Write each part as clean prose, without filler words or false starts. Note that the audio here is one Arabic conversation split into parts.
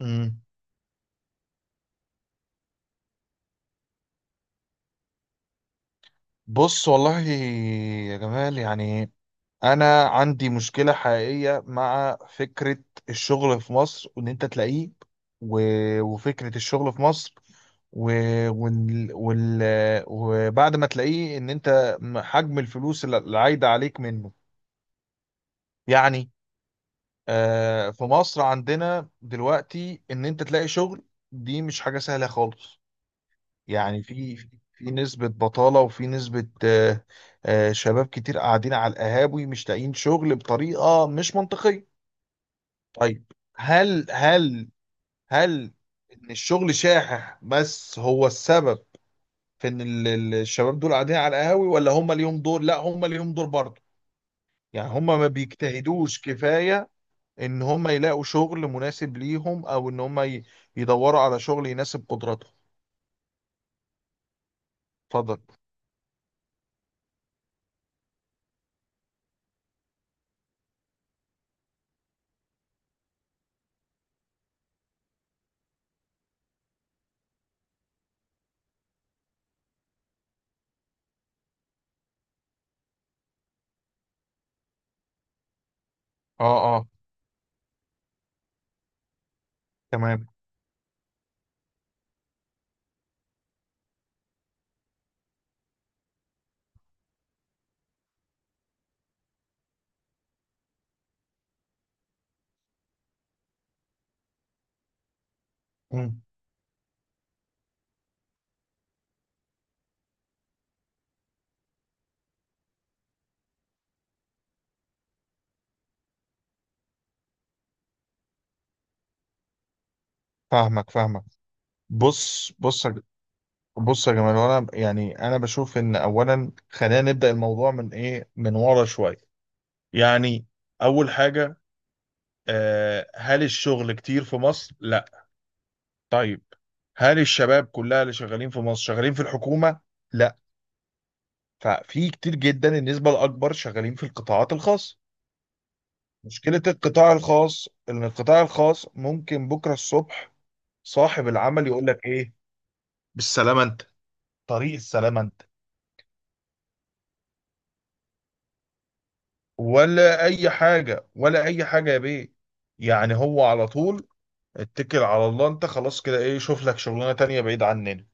مم. بص والله يا جمال، يعني انا عندي مشكله حقيقيه مع فكره الشغل في مصر وان انت تلاقيه و... وفكره الشغل في مصر و... وال... وال... وبعد ما تلاقيه ان انت حجم الفلوس اللي عايده عليك منه، يعني. في مصر عندنا دلوقتي ان انت تلاقي شغل، دي مش حاجه سهله خالص. يعني في نسبة بطالة، وفي نسبة شباب كتير قاعدين على القهاوي مش لاقيين شغل بطريقة مش منطقية. طيب، هل هل هل إن الشغل شاحح بس هو السبب في إن الشباب دول قاعدين على القهاوي، ولا هم ليهم دور؟ لا، هم ليهم دور برضه. يعني هم ما بيجتهدوش كفاية إن هم يلاقوا شغل مناسب ليهم، أو إن يدوروا على شغل يناسب قدراتهم. اتفضل. اه، اه. تمام. مم. فاهمك، فاهمك. بص بص يا ج- بص يا جماعه، انا يعني انا بشوف ان اولا خلينا نبدا الموضوع من ايه، من ورا شويه. يعني اول حاجه، هل الشغل كتير في مصر؟ لا. طيب، هل الشباب كلها اللي شغالين في مصر شغالين في الحكومه؟ لا. ففي كتير جدا، النسبه الاكبر شغالين في القطاعات الخاصه. مشكله القطاع الخاص ان القطاع الخاص ممكن بكره الصبح صاحب العمل يقول لك ايه؟ بالسلامه انت، طريق السلامه انت، ولا اي حاجه، ولا اي حاجه يا بيه. يعني هو على طول، اتكل على الله انت، خلاص كده، ايه، شوف لك شغلانه تانية بعيد عننا.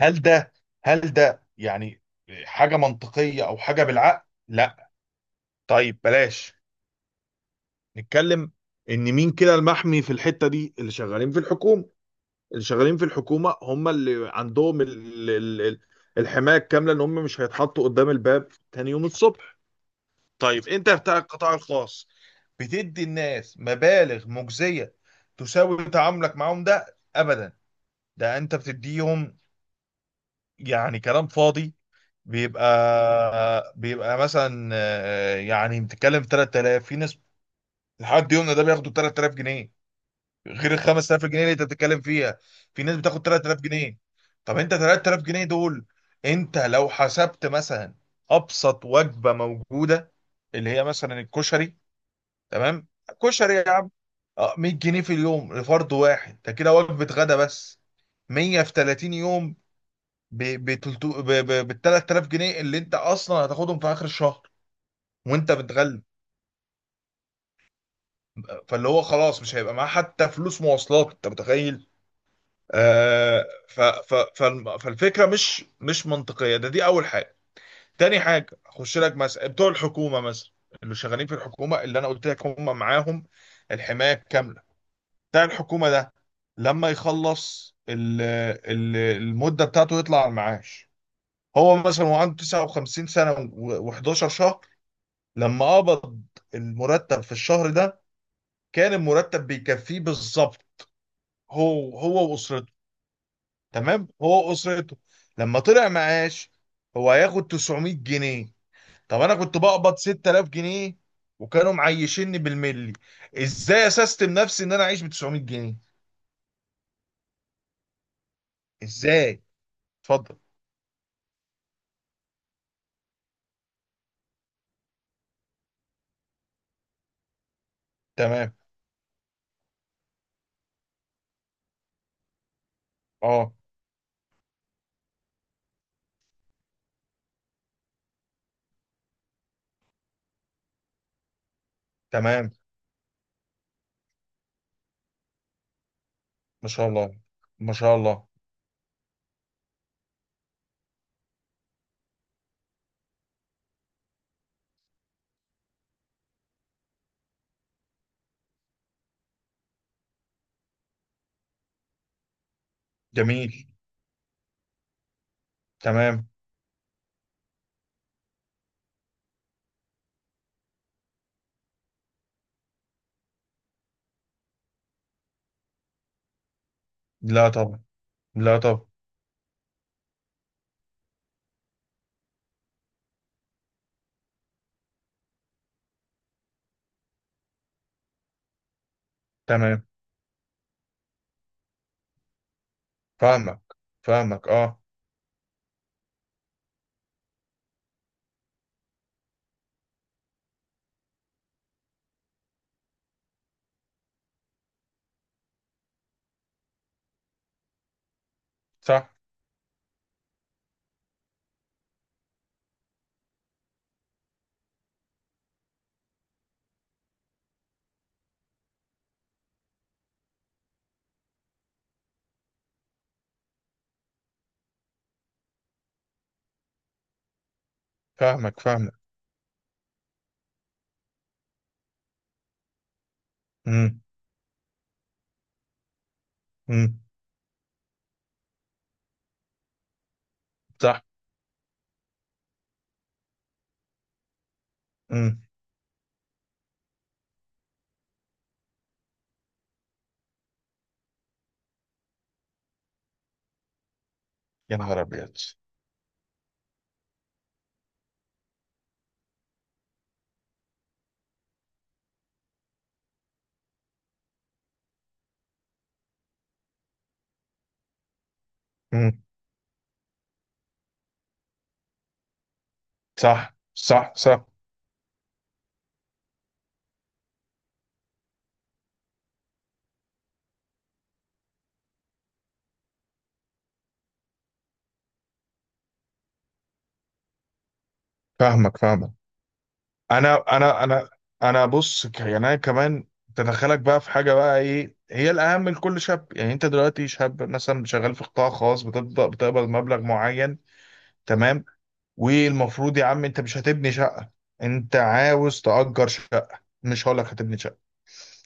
هل ده هل ده يعني حاجه منطقيه او حاجه بالعقل؟ لا. طيب بلاش. نتكلم ان مين كده المحمي في الحته دي؟ اللي شغالين في الحكومه. اللي شغالين في الحكومه هم اللي عندهم الحمايه الكامله ان هم مش هيتحطوا قدام الباب تاني يوم الصبح. طيب، انت بتاع القطاع الخاص بتدي الناس مبالغ مجزية تساوي تعاملك معاهم ده؟ ابدا. ده انت بتديهم يعني كلام فاضي. بيبقى مثلا يعني بتتكلم في 3000، في ناس لحد يومنا ده بياخدوا 3000 جنيه غير ال 5000 جنيه اللي انت بتتكلم فيها. في ناس بتاخد 3000 جنيه. طب انت 3000 جنيه دول، انت لو حسبت مثلا ابسط وجبة موجودة، اللي هي مثلا الكشري. تمام. كشري يا عم. 100 جنيه في اليوم لفرد واحد، ده كده وجبه غدا بس. 100 في 30 يوم، ب ب تلتو- ب 3000 جنيه اللي انت اصلا هتاخدهم في اخر الشهر وانت بتغلب. فاللي هو خلاص مش هيبقى معاه حتى فلوس مواصلات، انت متخيل؟ فالفكره مش منطقيه، دي اول حاجه. تاني حاجه، اخش لك مثلا بتوع الحكومه، مثلا اللي شغالين في الحكومه اللي انا قلت لك هم معاهم الحمايه. بتاع الحكومة ده لما يخلص المدة بتاعته يطلع على المعاش. هو مثلا وعنده 59 سنة و11 شهر، لما قبض المرتب في الشهر ده كان المرتب بيكفيه بالظبط هو وأسرته. تمام، هو وأسرته. لما طلع معاش، هو هياخد 900 جنيه. طب أنا كنت بقبض 6000 جنيه وكانوا معيشيني بالملي، ازاي اسست نفسي ان انا اعيش ب 900 جنيه؟ ازاي؟ اتفضل. تمام. اه. تمام. ما شاء الله. ما شاء الله. جميل. تمام. لا طبعا. لا طبعا. تمام. فاهمك، فاهمك. اه. صح. فاهمك، فاهمك. امم. امم. صح. امم. يا نهار ابيض. امم. صح، صح، صح. فاهمك، فاهمك. انا انا انا انا يعني انا كمان تدخلك بقى في حاجه، بقى ايه هي الاهم لكل شاب؟ يعني انت دلوقتي شاب مثلا شغال في قطاع خاص، بتبدا بتقبض مبلغ معين. تمام. والمفروض يا عم، انت مش هتبني شقة، انت عاوز تأجر شقة، مش هقولك هتبني شقة،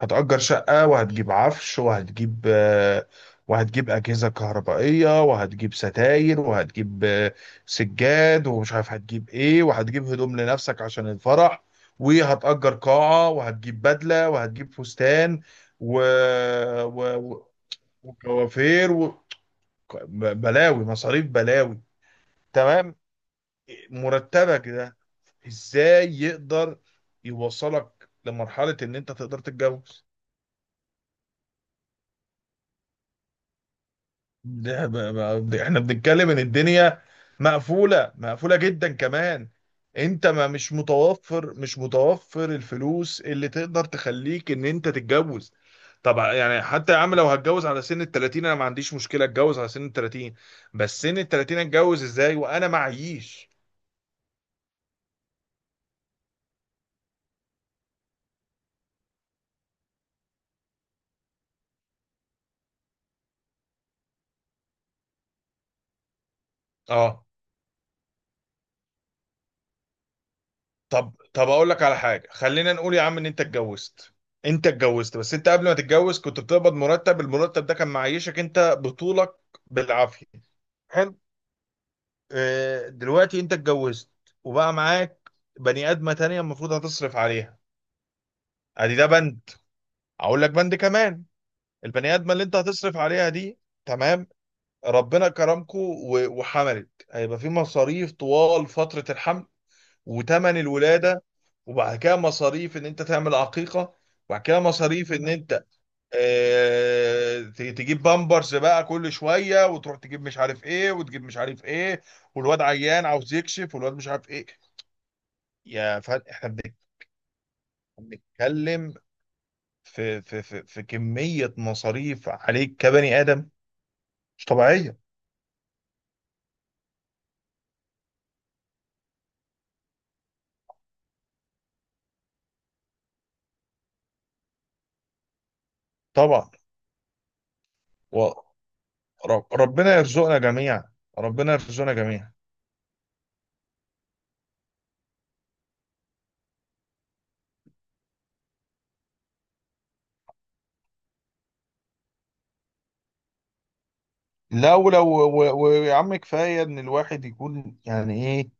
هتأجر شقة، وهتجيب عفش، وهتجيب وهتجيب أجهزة كهربائية، وهتجيب ستاير، وهتجيب سجاد، ومش عارف هتجيب ايه، وهتجيب هدوم لنفسك عشان الفرح، وهتأجر قاعة، وهتجيب بدلة، وهتجيب فستان و... و... و- وكوافير بلاوي مصاريف بلاوي. تمام. مرتبك ده ازاي يقدر يوصلك لمرحلة ان انت تقدر تتجوز؟ ده احنا بنتكلم ان الدنيا مقفولة، مقفولة جدا كمان. انت ما مش متوفر، مش متوفر الفلوس اللي تقدر تخليك ان انت تتجوز. طبعا، يعني حتى يا عم لو هتجوز على سن ال 30، انا ما عنديش مشكلة اتجوز على سن ال 30، بس سن ال 30 اتجوز ازاي وانا معيش؟ اه. طب اقول لك على حاجه، خلينا نقول يا عم ان انت اتجوزت. انت اتجوزت، بس انت قبل ما تتجوز كنت بتقبض مرتب، المرتب ده كان معيشك انت بطولك بالعافيه. حلو. دلوقتي انت اتجوزت وبقى معاك بني ادمه تانية المفروض هتصرف عليها. ادي ده بند. اقول لك بند كمان، البني ادمه اللي انت هتصرف عليها دي، تمام، ربنا كرمكو وحملت، هيبقى في مصاريف طوال فتره الحمل وتمن الولادة، وبعد كده مصاريف ان انت تعمل عقيقة، وبعد كده مصاريف ان انت تجيب بامبرز بقى كل شوية، وتروح تجيب مش عارف ايه، وتجيب مش عارف ايه، والواد عيان عاوز يكشف، والواد مش عارف ايه. يا فن، بنتكلم في في كمية مصاريف عليك كبني آدم مش طبيعية. طبعا. ورب ربنا يرزقنا جميعا. ربنا يرزقنا جميعا. لا، ولو، ويا عم كفايه ان الواحد يكون يعني ايه،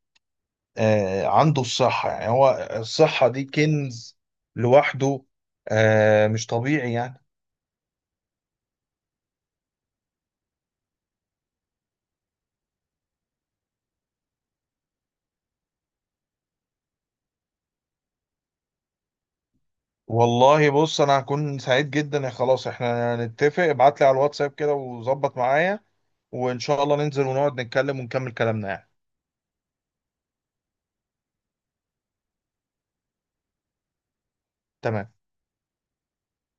عنده الصحه. يعني هو الصحه دي كنز لوحده، آه مش طبيعي يعني. والله، بص، انا هكون سعيد جدا. يا خلاص، احنا نتفق، ابعت لي على الواتساب كده وظبط معايا، وان شاء الله ننزل ونقعد نتكلم ونكمل كلامنا يعني. تمام.